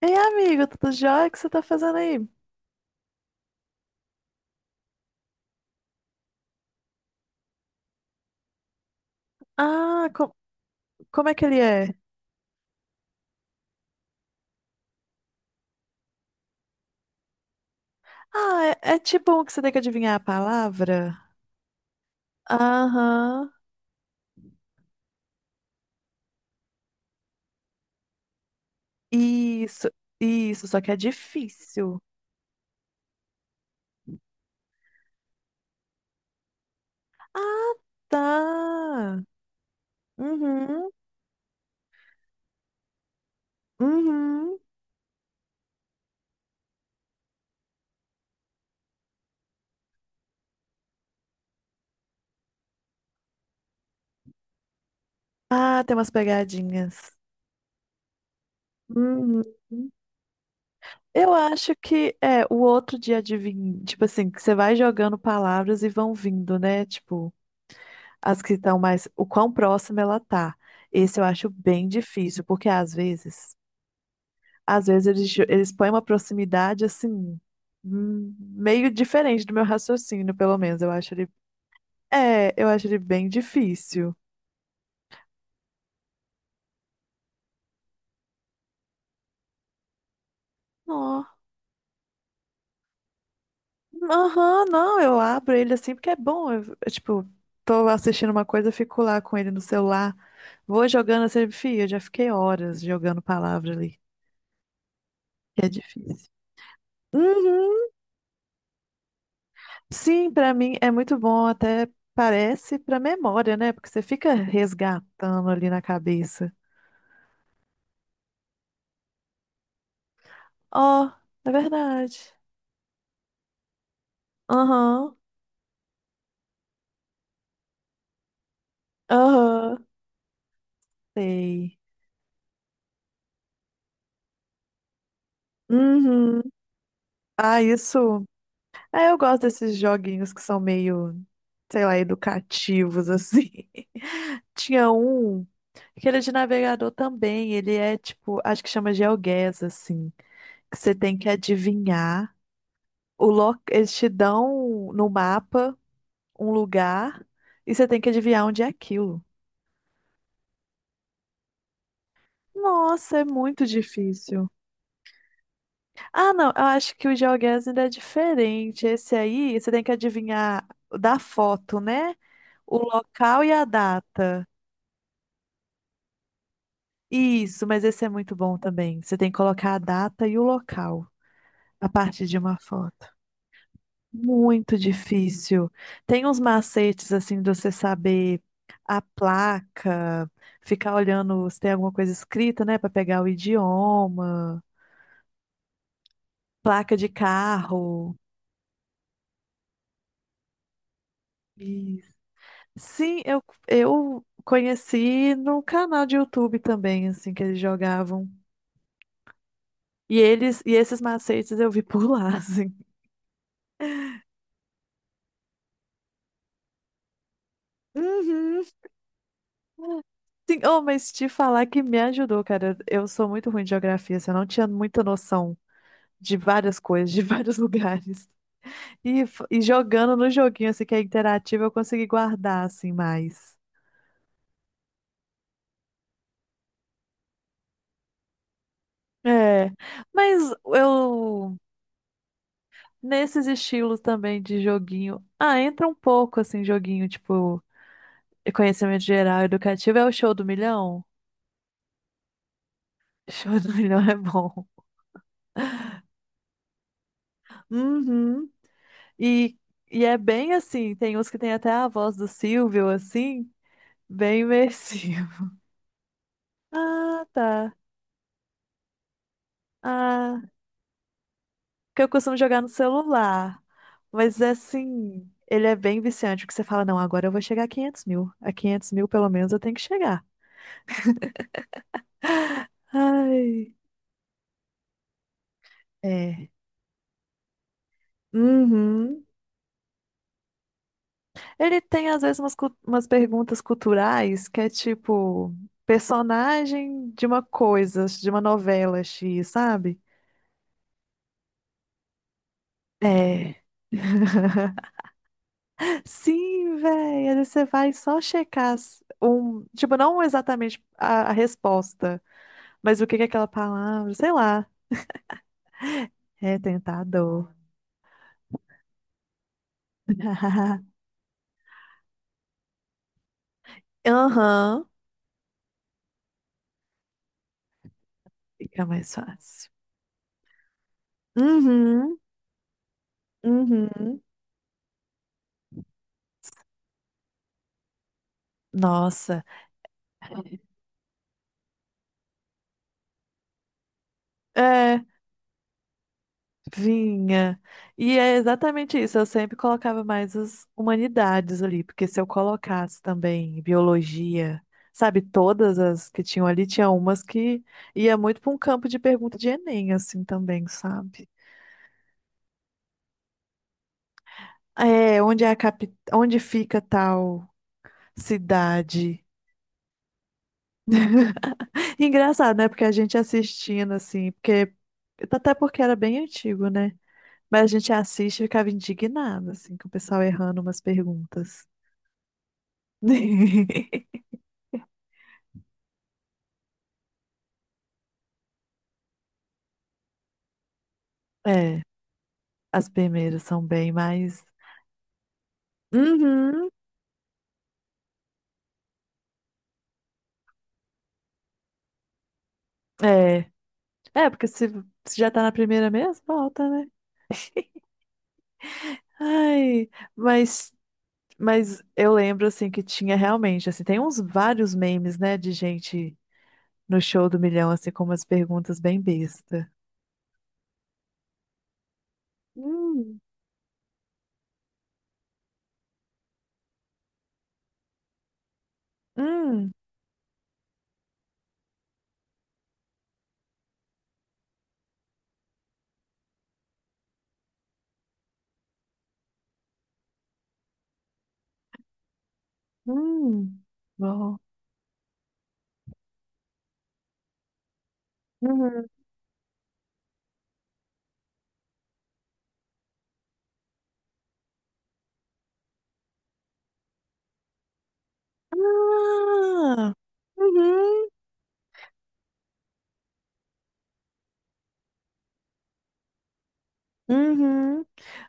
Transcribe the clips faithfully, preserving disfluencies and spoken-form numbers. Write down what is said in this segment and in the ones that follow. Ei, amigo, tá tudo jóia? O que você tá fazendo aí? Ah, co- Como é que ele é? Ah, é, é tipo um que você tem que adivinhar a palavra? Aham. Isso, isso, só que é difícil. Ah, tá. Uhum, uhum. Ah, tem umas pegadinhas. Uhum. Eu acho que é o outro de adivinhar, tipo assim, que você vai jogando palavras e vão vindo, né? Tipo. As que estão mais, o quão próxima ela tá. Esse eu acho bem difícil, porque às vezes, às vezes eles, eles põem uma proximidade assim, hum, meio diferente do meu raciocínio, pelo menos. Eu acho ele, é, eu acho ele bem difícil. Ó, aham, não, eu abro ele assim porque é bom. Eu, eu, tipo, tô assistindo uma coisa, eu fico lá com ele no celular, vou jogando assim, fia, eu já fiquei horas jogando palavra ali, que é difícil. Uhum, sim, para mim é muito bom, até parece para memória, né? Porque você fica resgatando ali na cabeça. Ó, é verdade. Aham, aham, sei. Uhum. Ah, isso. Ah, eu gosto desses joguinhos que são meio, sei lá, educativos, assim. Tinha um, que ele é de navegador também. Ele é tipo, acho que chama GeoGuess, assim. Que você tem que adivinhar o local. Eles te dão no mapa, um lugar e você tem que adivinhar onde é aquilo. Nossa, é muito difícil. Ah, não, eu acho que o GeoGuessr ainda é diferente. Esse aí, você tem que adivinhar da foto, né? O local e a data. Isso, mas esse é muito bom também. Você tem que colocar a data e o local a partir de uma foto. Muito difícil. Tem uns macetes assim de você saber a placa, ficar olhando se tem alguma coisa escrita, né, para pegar o idioma. Placa de carro. Isso. Sim, eu, eu conheci no canal de YouTube também, assim, que eles jogavam. E eles e esses macetes eu vi por lá, assim. Uhum. Sim, oh, mas te falar que me ajudou, cara. Eu sou muito ruim de geografia, assim, eu não tinha muita noção de várias coisas, de vários lugares. E, f- e jogando no joguinho, assim, que é interativo, eu consegui guardar, assim, mais. É, mas eu nesses estilos também de joguinho. Ah, entra um pouco assim, joguinho tipo conhecimento geral educativo. É o Show do Milhão? Show do Milhão é bom. Uhum. E, e é bem assim, tem uns que tem até a voz do Silvio, assim, bem imersivo. Ah, tá. Ah, que eu costumo jogar no celular. Mas assim, ele é bem viciante, porque você fala, não, agora eu vou chegar a quinhentos mil. A quinhentos mil, pelo menos, eu tenho que chegar. Ai, é. Uhum. Ele tem, às vezes, umas, cu- umas perguntas culturais que é tipo personagem de uma coisa, de uma novela X, sabe? É. Sim, velho. Às vezes você vai só checar as- um, tipo, não exatamente a, a resposta, mas o que que é aquela palavra, sei lá. É tentador. Aham. Fica mais fácil. Uhum. Uhum. Nossa. É. Vinha. E é exatamente isso. Eu sempre colocava mais as humanidades ali, porque se eu colocasse também biologia, sabe, todas as que tinham ali, tinha umas que ia muito para um campo de pergunta de Enem, assim também, sabe? É, onde é a capi... onde fica tal cidade? Engraçado, né? Porque a gente assistindo, assim, porque até porque era bem antigo, né? Mas a gente assiste e ficava indignado, assim, com o pessoal errando umas perguntas. É, as primeiras são bem mais. Uhum, é. É, porque se, se já tá na primeira mesmo, volta, né? Ai, mas, mas eu lembro, assim, que tinha realmente, assim, tem uns vários memes, né, de gente no Show do Milhão, assim, com umas perguntas bem besta. Hum, hum, hum. Bom. Uhum. Ah, uhum, uhum.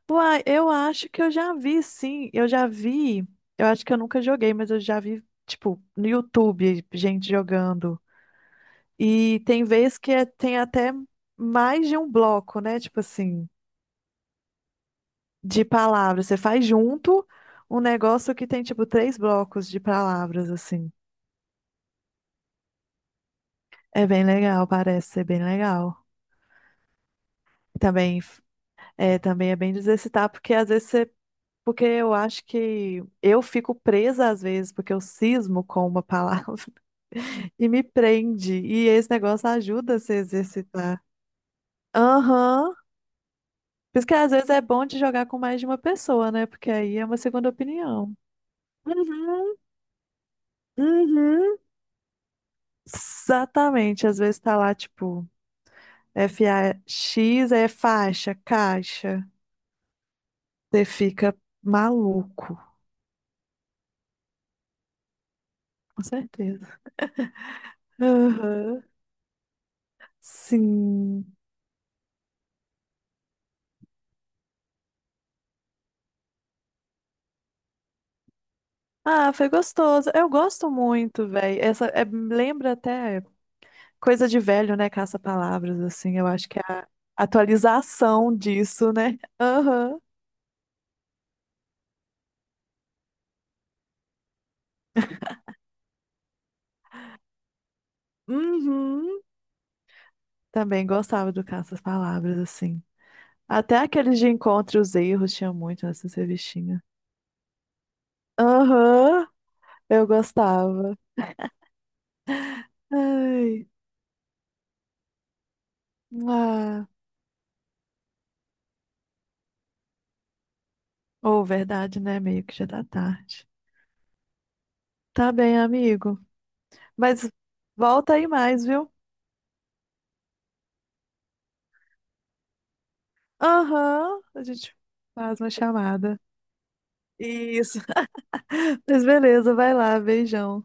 Uai, eu acho que eu já vi, sim. Eu já vi. Eu acho que eu nunca joguei, mas eu já vi, tipo, no YouTube, gente jogando. E tem vez que é- tem até mais de um bloco, né? Tipo assim, de palavras. Você faz junto um negócio que tem, tipo, três blocos de palavras, assim. É bem legal, parece ser bem legal. Também f- é, também é bem de exercitar, porque às vezes você. Porque eu acho que eu fico presa às vezes, porque eu cismo com uma palavra. E me prende. E esse negócio ajuda a se exercitar. Aham. Por isso que às vezes é bom de jogar com mais de uma pessoa, né? Porque aí é uma segunda opinião. Uhum, uhum. Exatamente. Às vezes tá lá, tipo, f a x é faixa, caixa. Você fica maluco. Com certeza. Aham. Sim. Ah, foi gostoso. Eu gosto muito, velho. Essa é- lembra até a coisa de velho, né? Caça-palavras, assim. Eu acho que é a atualização disso, né? Aham. Uhum. Também gostava do caça-palavras, assim. Até aqueles de encontro e os erros tinha muito nessas revistinhas. Aham. Eu gostava. Ai. Ah. Ou verdade, né? Meio que já tá tarde. Tá bem, amigo. Mas volta aí mais, viu? Aham. A gente faz uma chamada. Isso. Mas beleza, vai lá. Beijão.